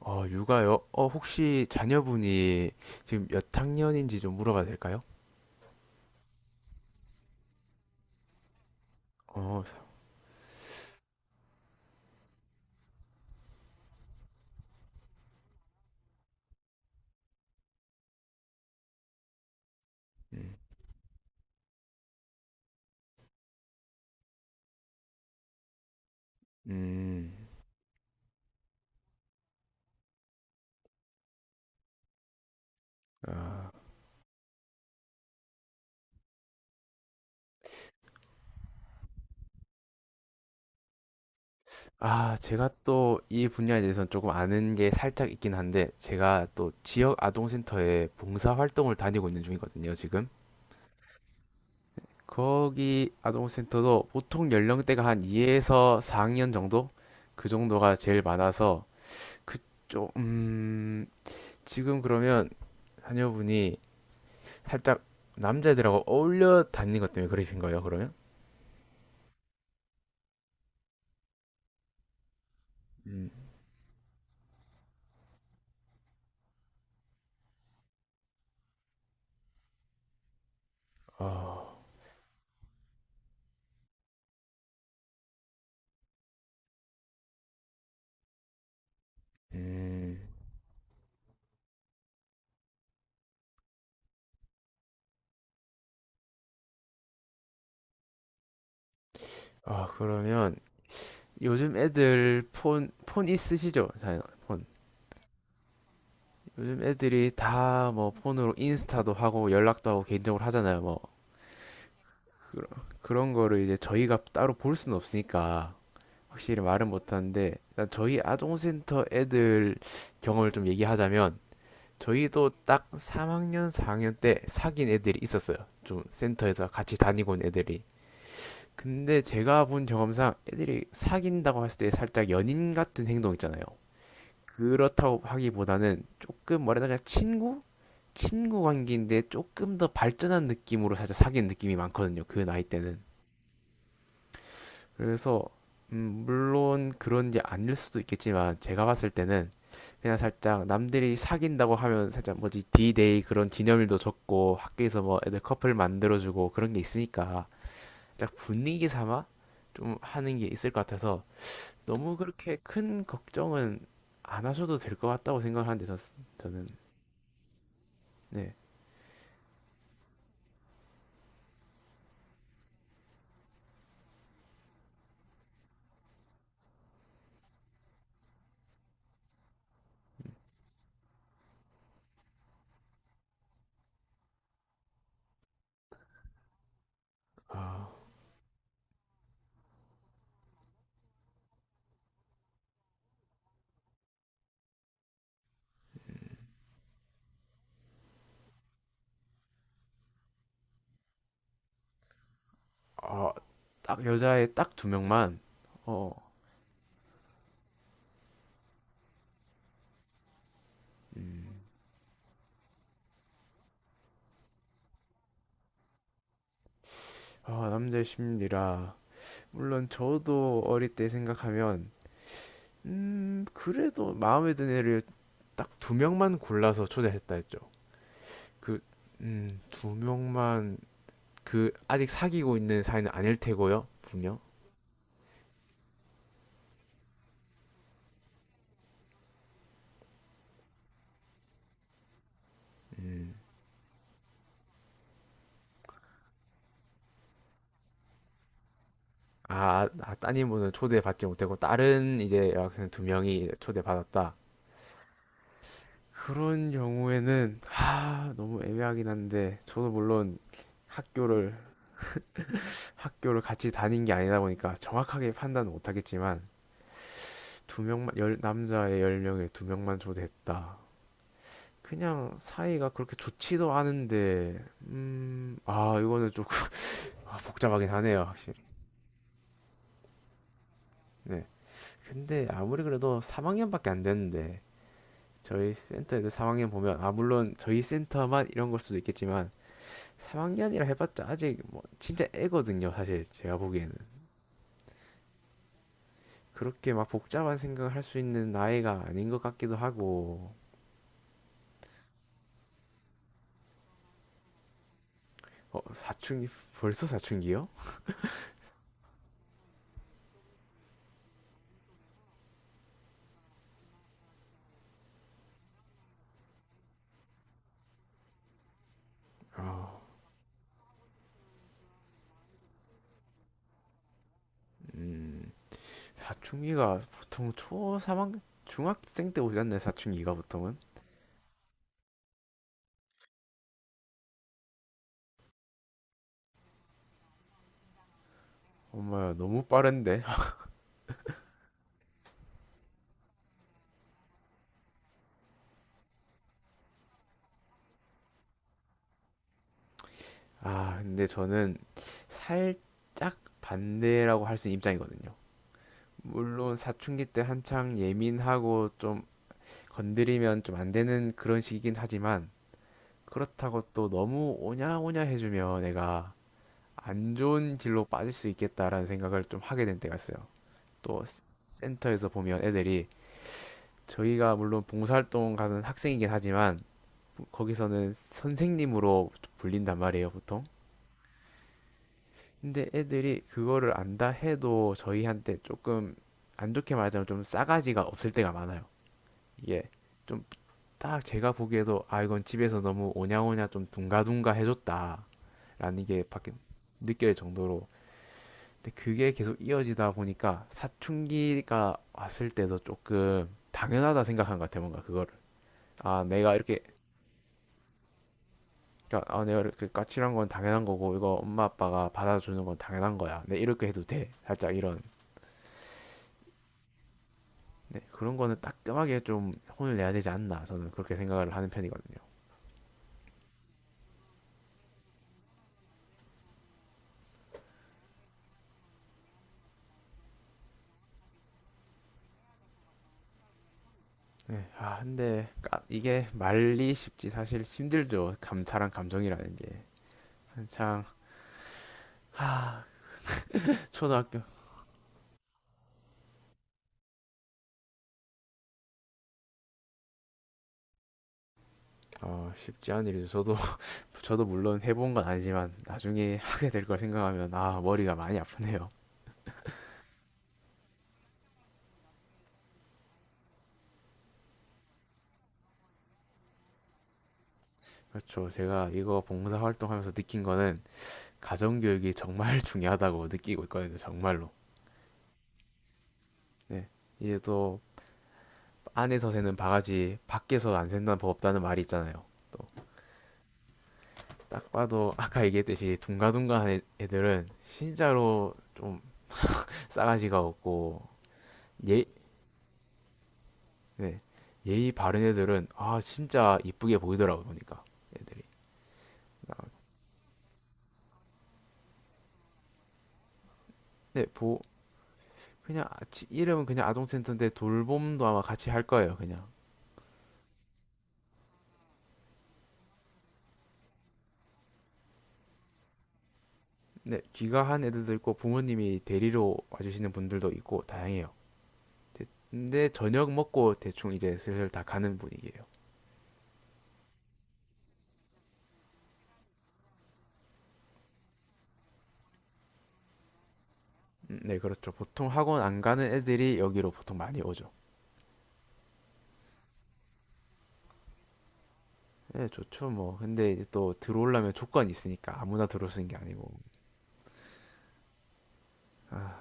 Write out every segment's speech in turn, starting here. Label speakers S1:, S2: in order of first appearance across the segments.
S1: 어, 육아요? 어, 혹시 자녀분이 지금 몇 학년인지 좀 물어봐도 될까요? 어, 사- 음, 음, 아, 아, 제가 또 이 분야에 대해서는 조금 아는 게 살짝 있긴 한데, 제가 또 지역 아동센터에 봉사활동을 다니고 있는 중이거든요, 지금. 거기 아동센터도 보통 연령대가 한 2에서 4학년 정도? 그 정도가 제일 많아서, 그쪽, 지금 그러면 자녀분이 살짝 남자애들하고 어울려 다니는 것 때문에 그러신 거예요, 그러면? 음. 아, 음. 아, 그러면 요즘 애들 폰 있으시죠? 자, 폰. 요즘 애들이 다 뭐 폰으로 인스타도 하고 연락도 하고 개인적으로 하잖아요, 뭐. 그런, 그런 거를 이제 저희가 따로 볼 수는 없으니까 확실히 말은 못하는데 일단 저희 아동센터 애들 경험을 좀 얘기하자면 저희도 딱 3학년, 4학년 때 사귄 애들이 있었어요. 좀 센터에서 같이 다니고 온 애들이. 근데 제가 본 경험상 애들이 사귄다고 했을 때 살짝 연인 같은 행동 있잖아요. 그렇다고 하기보다는 조금 뭐라 해야 되나 친구? 친구 관계인데 조금 더 발전한 느낌으로 살짝 사귄 느낌이 많거든요. 그 나이 때는. 그래서 물론 그런 게 아닐 수도 있겠지만 제가 봤을 때는 그냥 살짝 남들이 사귄다고 하면 살짝 뭐지 D-Day 그런 기념일도 적고 학교에서 뭐 애들 커플 만들어주고 그런 게 있으니까 살짝 분위기 삼아 좀 하는 게 있을 것 같아서 너무 그렇게 큰 걱정은 안 하셔도 될 것 같다고 생각하는데 저는 네. 아, 아, 딱 여자애 딱 두 명만 어, 음, 아, 남자의 심리라 물론 저도 어릴 때 생각하면 그래도 마음에 드는 애를 딱 두 명만 골라서 초대했다 했죠. 그 두 명만 그 아직 사귀고 있는 사이는 아닐 테고요. 분명. 음. 아, 아 따님분은 초대받지 못했고 다른 이제 여학생 두 명이 초대받았다. 그런 경우에는 하 너무 애매하긴 한데 저도 물론 학교를 학교를 같이 다닌 게 아니다 보니까 정확하게 판단은 못하겠지만 두 명만 열 남자의 열 명에 두 명만 초대했다. 그냥 사이가 그렇게 좋지도 않은데 아 이거는 조금 아, 복잡하긴 하네요 확실히. 네. 근데 아무리 그래도 3학년밖에 안 됐는데 저희 센터 애들 3학년 보면 아 물론 저희 센터만 이런 걸 수도 있겠지만 3학년이라 해봤자 아직 뭐 진짜 애거든요 사실 제가 보기에는 그렇게 막 복잡한 생각을 할 수 있는 나이가 아닌 것 같기도 하고 어 사춘기 벌써 사춘기요? 아, 음 사춘기가 보통 초삼학 중학생 때 오지 않나요? 사춘기가 보통은? 엄마야 너무 빠른데? 아 근데 저는 살짝 반대라고 할 수 있는 입장이거든요. 물론 사춘기 때 한창 예민하고 좀 건드리면 좀 안 되는 그런 시기긴 하지만 그렇다고 또 너무 오냐오냐 해주면 내가 안 좋은 길로 빠질 수 있겠다라는 생각을 좀 하게 된 때가 있어요. 또 센터에서 보면 애들이 저희가 물론 봉사활동 가는 학생이긴 하지만 거기서는 선생님으로 불린단 말이에요, 보통. 근데 애들이 그거를 안다 해도 저희한테 조금 안 좋게 말하자면 좀 싸가지가 없을 때가 많아요. 이게 좀 딱 제가 보기에도 아 이건 집에서 너무 오냐오냐 좀 둥가둥가 해줬다라는 게 밖에 느껴질 정도로 근데 그게 계속 이어지다 보니까 사춘기가 왔을 때도 조금 당연하다 생각한 것 같아요, 뭔가 그거를. 아, 내가 이렇게 그러니까 아 내가 이렇게 까칠한 건 당연한 거고 이거 엄마 아빠가 받아주는 건 당연한 거야. 내 이렇게 해도 돼. 살짝 이런 네, 그런 거는 따끔하게 좀 혼을 내야 되지 않나 저는 그렇게 생각을 하는 편이거든요. 네, 아 근데 이게 말리 쉽지 사실 힘들죠. 감사한 감정이라는 게 한창 하 초등학교 어 쉽지 않은 일이죠. 저도 저도 물론 해본 건 아니지만 나중에 하게 될 걸 생각하면 아 머리가 많이 아프네요. 그렇죠. 제가 이거 봉사활동하면서 느낀 거는 가정교육이 정말 중요하다고 느끼고 있거든요. 정말로. 네. 이제 또 안에서 새는 바가지 밖에서 안 샌다는 법 없다는 말이 있잖아요. 또 딱 봐도 아까 얘기했듯이 둥가둥가한 애- 들은 진짜로 좀 싸가지가 없고 예, 네. 예의 바른 애들은 아 진짜 이쁘게 보이더라고 보니까 애들이. 아, 네, 보 그냥 이름은 그냥 아동센터인데 돌봄도 아마 같이 할 거예요. 그냥. 네, 귀가한 애들도 있고 부모님이 데리러 와주시는 분들도 있고 다양해요. 근데 저녁 먹고 대충 이제 슬슬 다 가는 분위기예요. 네, 그렇죠. 보통 학원 안 가는 애들이 여기로 보통 많이 오죠. 네, 좋죠, 뭐. 근데 이제 또 들어오려면 조건이 있으니까 아무나 들어올 수 있는 게 아니고. 아,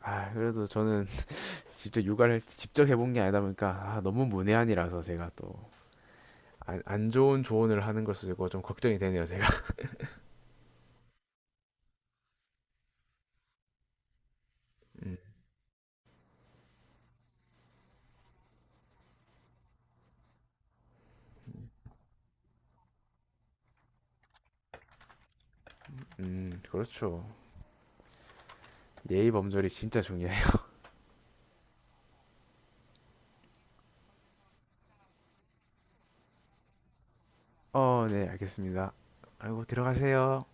S1: 아, 그래도 저는 직접 육아를 직접 해본 게 아니다 보니까 아, 너무 문외한이라서 제가 또 안 좋은 조언을 하는 것을 듣고 좀 걱정이 되네요, 제가. 음, 그렇죠. 예의 범절이 진짜 중요해요. 어, 네, 알겠습니다. 아이고, 들어가세요.